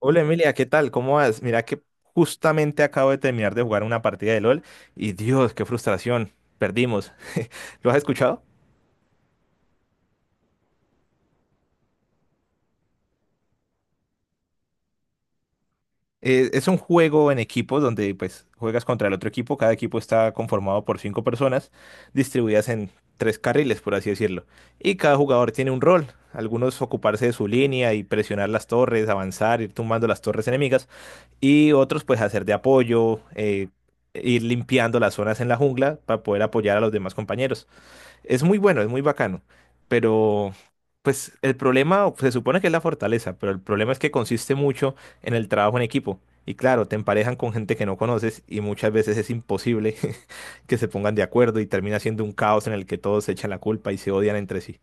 Hola Emilia, ¿qué tal? ¿Cómo vas? Mira que justamente acabo de terminar de jugar una partida de LOL y Dios, qué frustración, perdimos. ¿Lo has escuchado? Es un juego en equipos donde pues juegas contra el otro equipo, cada equipo está conformado por cinco personas distribuidas en tres carriles, por así decirlo, y cada jugador tiene un rol, algunos ocuparse de su línea y presionar las torres, avanzar, ir tumbando las torres enemigas y otros pues hacer de apoyo, ir limpiando las zonas en la jungla para poder apoyar a los demás compañeros. Es muy bueno, es muy bacano, pero pues el problema se supone que es la fortaleza, pero el problema es que consiste mucho en el trabajo en equipo. Y claro, te emparejan con gente que no conoces y muchas veces es imposible que se pongan de acuerdo y termina siendo un caos en el que todos se echan la culpa y se odian entre sí.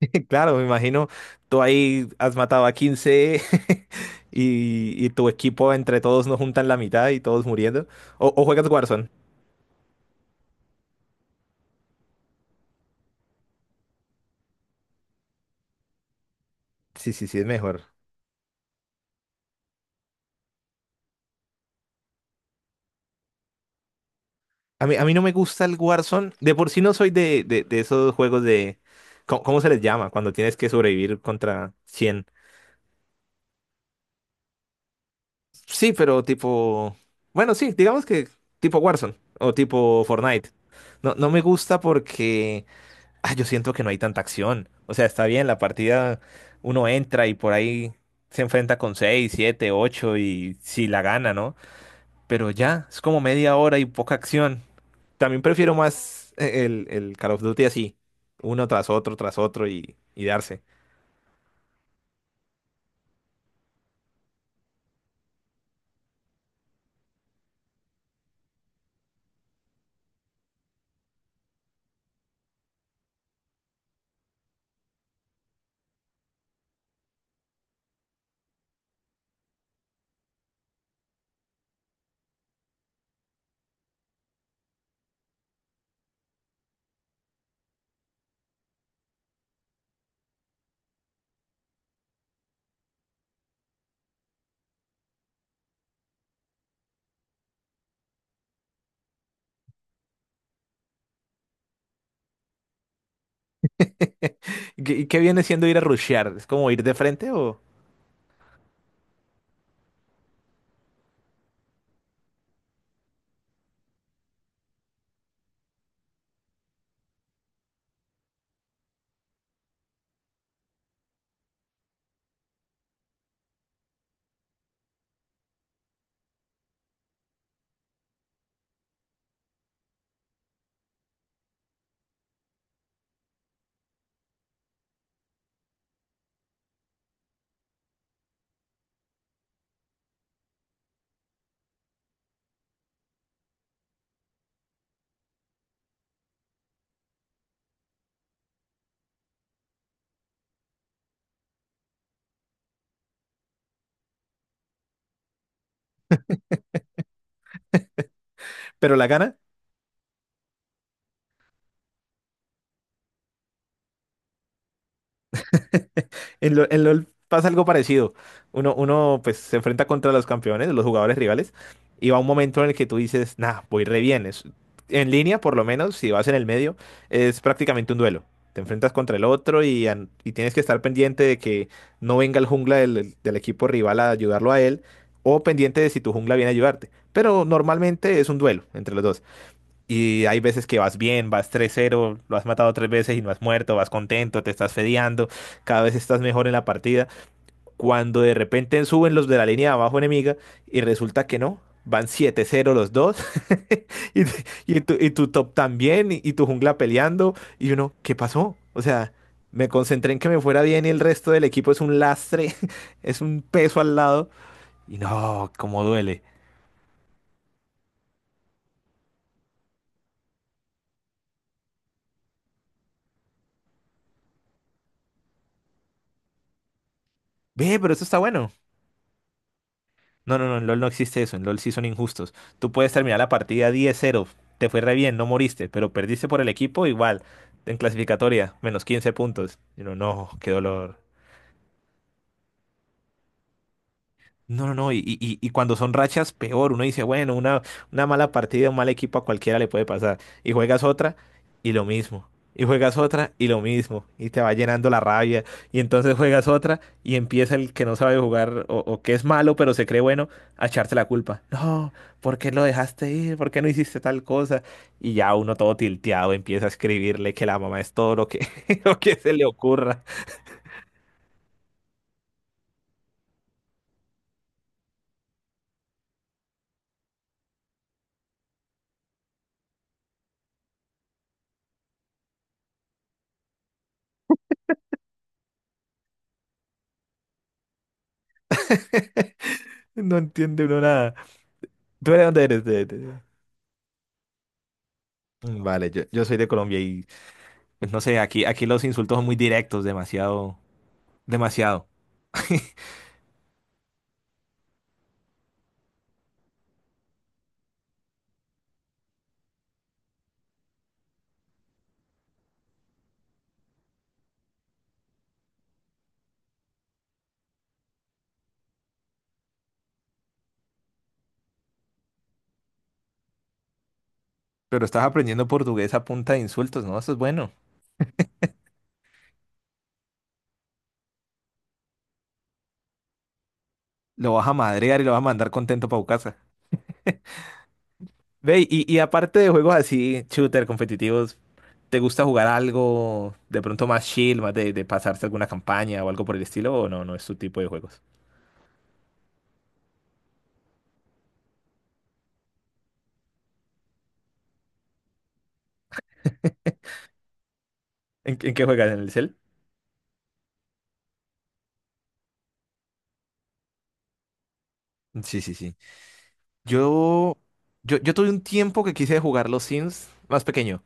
Claro, me imagino, tú ahí has matado a 15 y tu equipo entre todos no juntan la mitad y todos muriendo. O juegas Warzone. Sí, sí, sí, es mejor. A mí no me gusta el Warzone. De por sí no soy de esos juegos de... ¿Cómo se les llama? Cuando tienes que sobrevivir contra 100. Sí, pero tipo... Bueno, sí, digamos que tipo Warzone o tipo Fortnite. No, no me gusta porque... ah, yo siento que no hay tanta acción. O sea, está bien, la partida uno entra y por ahí se enfrenta con 6, 7, 8 y si la gana, ¿no? Pero ya, es como media hora y poca acción. También prefiero más el Call of Duty así, uno tras otro y darse. Y qué viene siendo ir a rushear? ¿Es como ir de frente o...? ¿Pero la gana? En LOL pasa algo parecido. Uno pues se enfrenta contra los campeones, los jugadores rivales, y va un momento en el que tú dices, nah, voy re bien. En línea, por lo menos, si vas en el medio, es prácticamente un duelo. Te enfrentas contra el otro y tienes que estar pendiente de que no venga el jungla del equipo rival a ayudarlo a él, o pendiente de si tu jungla viene a ayudarte. Pero normalmente es un duelo entre los dos. Y hay veces que vas bien, vas 3-0 lo has matado tres veces y no has muerto, vas contento, te estás fedeando, cada vez estás mejor en la partida. Cuando de repente suben los de la línea de abajo enemiga y resulta que no, van 7-0 los dos y, y tu top también y tu jungla peleando y uno, ¿qué pasó? O sea, me concentré en que me fuera bien y el resto del equipo es un lastre, es un peso al lado y no, cómo duele. Ve, pero eso está bueno. No, no, no, en LOL no existe eso, en LOL sí son injustos. Tú puedes terminar la partida 10-0, te fue re bien, no moriste, pero perdiste por el equipo igual, en clasificatoria, menos 15 puntos. Y uno, no, qué dolor. No, no, no, y cuando son rachas, peor. Uno dice, bueno, una mala partida, un mal equipo a cualquiera le puede pasar. Y juegas otra y lo mismo. Y juegas otra y lo mismo. Y te va llenando la rabia. Y entonces juegas otra y empieza el que no sabe jugar o que es malo, pero se cree bueno, a echarte la culpa. No, ¿por qué lo dejaste ir? ¿Por qué no hiciste tal cosa? Y ya uno todo tilteado empieza a escribirle que la mamá es todo lo que, lo que se le ocurra. No entiende uno nada. ¿Tú de dónde eres? Mm, vale, yo soy de Colombia y pues, no sé, aquí, aquí los insultos son muy directos, demasiado, demasiado. Pero estás aprendiendo portugués a punta de insultos, ¿no? Eso es bueno. Lo vas a madrear y lo vas a mandar contento para casa. Ve, y aparte de juegos así, shooter, competitivos, ¿te gusta jugar algo de pronto más chill, más de pasarse alguna campaña o algo por el estilo? ¿O no? No es tu tipo de juegos. En qué juegas? ¿En el cel? Sí, sí, sí. Yo, yo tuve un tiempo que quise jugar los Sims más pequeño.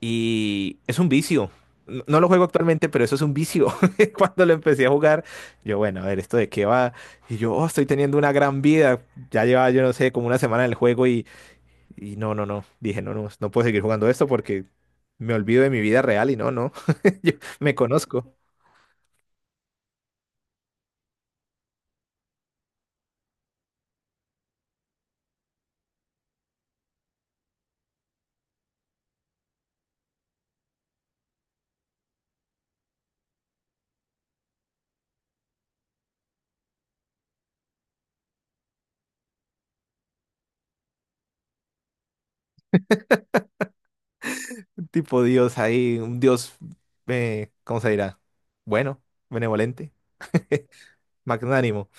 Y es un vicio. No lo juego actualmente, pero eso es un vicio. Cuando lo empecé a jugar, yo, bueno, a ver, ¿esto de qué va? Y yo, oh, estoy teniendo una gran vida. Ya llevaba, yo no sé, como una semana en el juego y no, no, no. Dije, no, no, no puedo seguir jugando esto porque me olvido de mi vida real y no, no. Yo me conozco. Un tipo Dios ahí, un Dios, ¿cómo se dirá? Bueno, benevolente, magnánimo.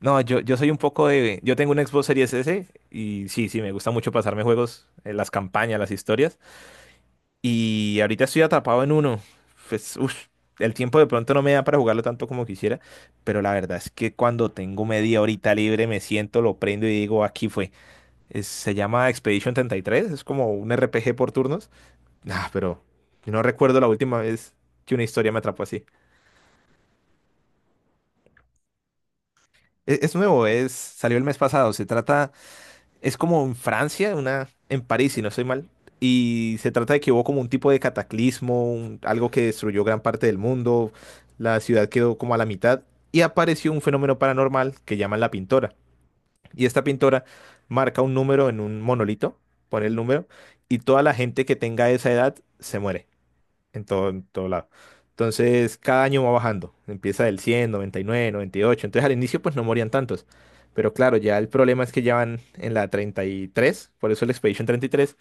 No, yo soy un poco de... Yo tengo un Xbox Series S y sí, sí, me gusta mucho pasarme juegos, las campañas, las historias. Y ahorita estoy atrapado en uno. Pues, uff, el tiempo de pronto no me da para jugarlo tanto como quisiera, pero la verdad es que cuando tengo media horita libre me siento, lo prendo y digo, aquí fue. Se llama Expedition 33, es como un RPG por turnos. Ah, pero no recuerdo la última vez que una historia me atrapó así. Es nuevo, es, salió el mes pasado, se trata... es como en Francia, una, en París, si no estoy mal. Y se trata de que hubo como un tipo de cataclismo, un- algo que destruyó gran parte del mundo. La ciudad quedó como a la mitad y apareció un fenómeno paranormal que llaman la pintora. Y esta pintora marca un número en un monolito, pone el número, y toda la gente que tenga esa edad se muere en todo lado. Entonces, cada año va bajando. Empieza del 100, 99, 98. Entonces, al inicio, pues no morían tantos. Pero claro, ya el problema es que ya van en la 33, por eso el Expedition 33,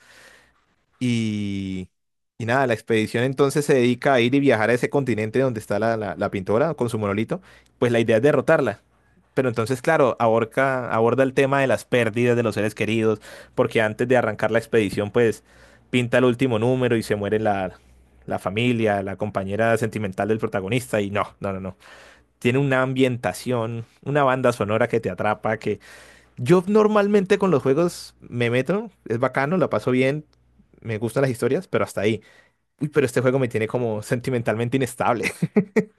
y, y nada, la expedición entonces se dedica a ir y viajar a ese continente donde está la pintora con su monolito. Pues la idea es derrotarla. Pero entonces, claro, aborda el tema de las pérdidas de los seres queridos, porque antes de arrancar la expedición, pues pinta el último número y se muere la familia, la compañera sentimental del protagonista. Y no, no, no, no. Tiene una ambientación, una banda sonora que te atrapa, que yo normalmente con los juegos me meto, es bacano, la paso bien, me gustan las historias, pero hasta ahí. Uy, pero este juego me tiene como sentimentalmente inestable.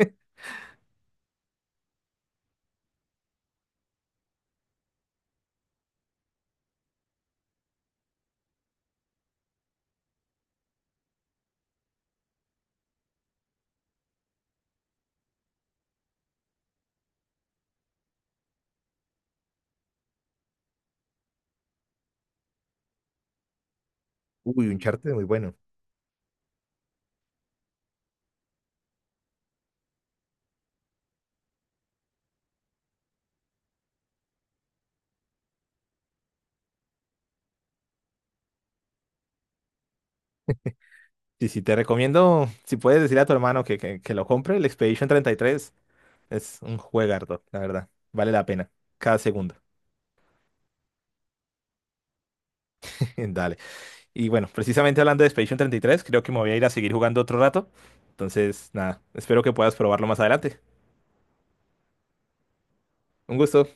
Uy, Uncharted muy bueno. Sí, sí, te recomiendo, si puedes decir a tu hermano que lo compre, el Expedition 33 es un juegardo, la verdad. Vale la pena, cada segundo. Dale. Y bueno, precisamente hablando de Expedition 33, creo que me voy a ir a seguir jugando otro rato. Entonces, nada, espero que puedas probarlo más adelante. Un gusto.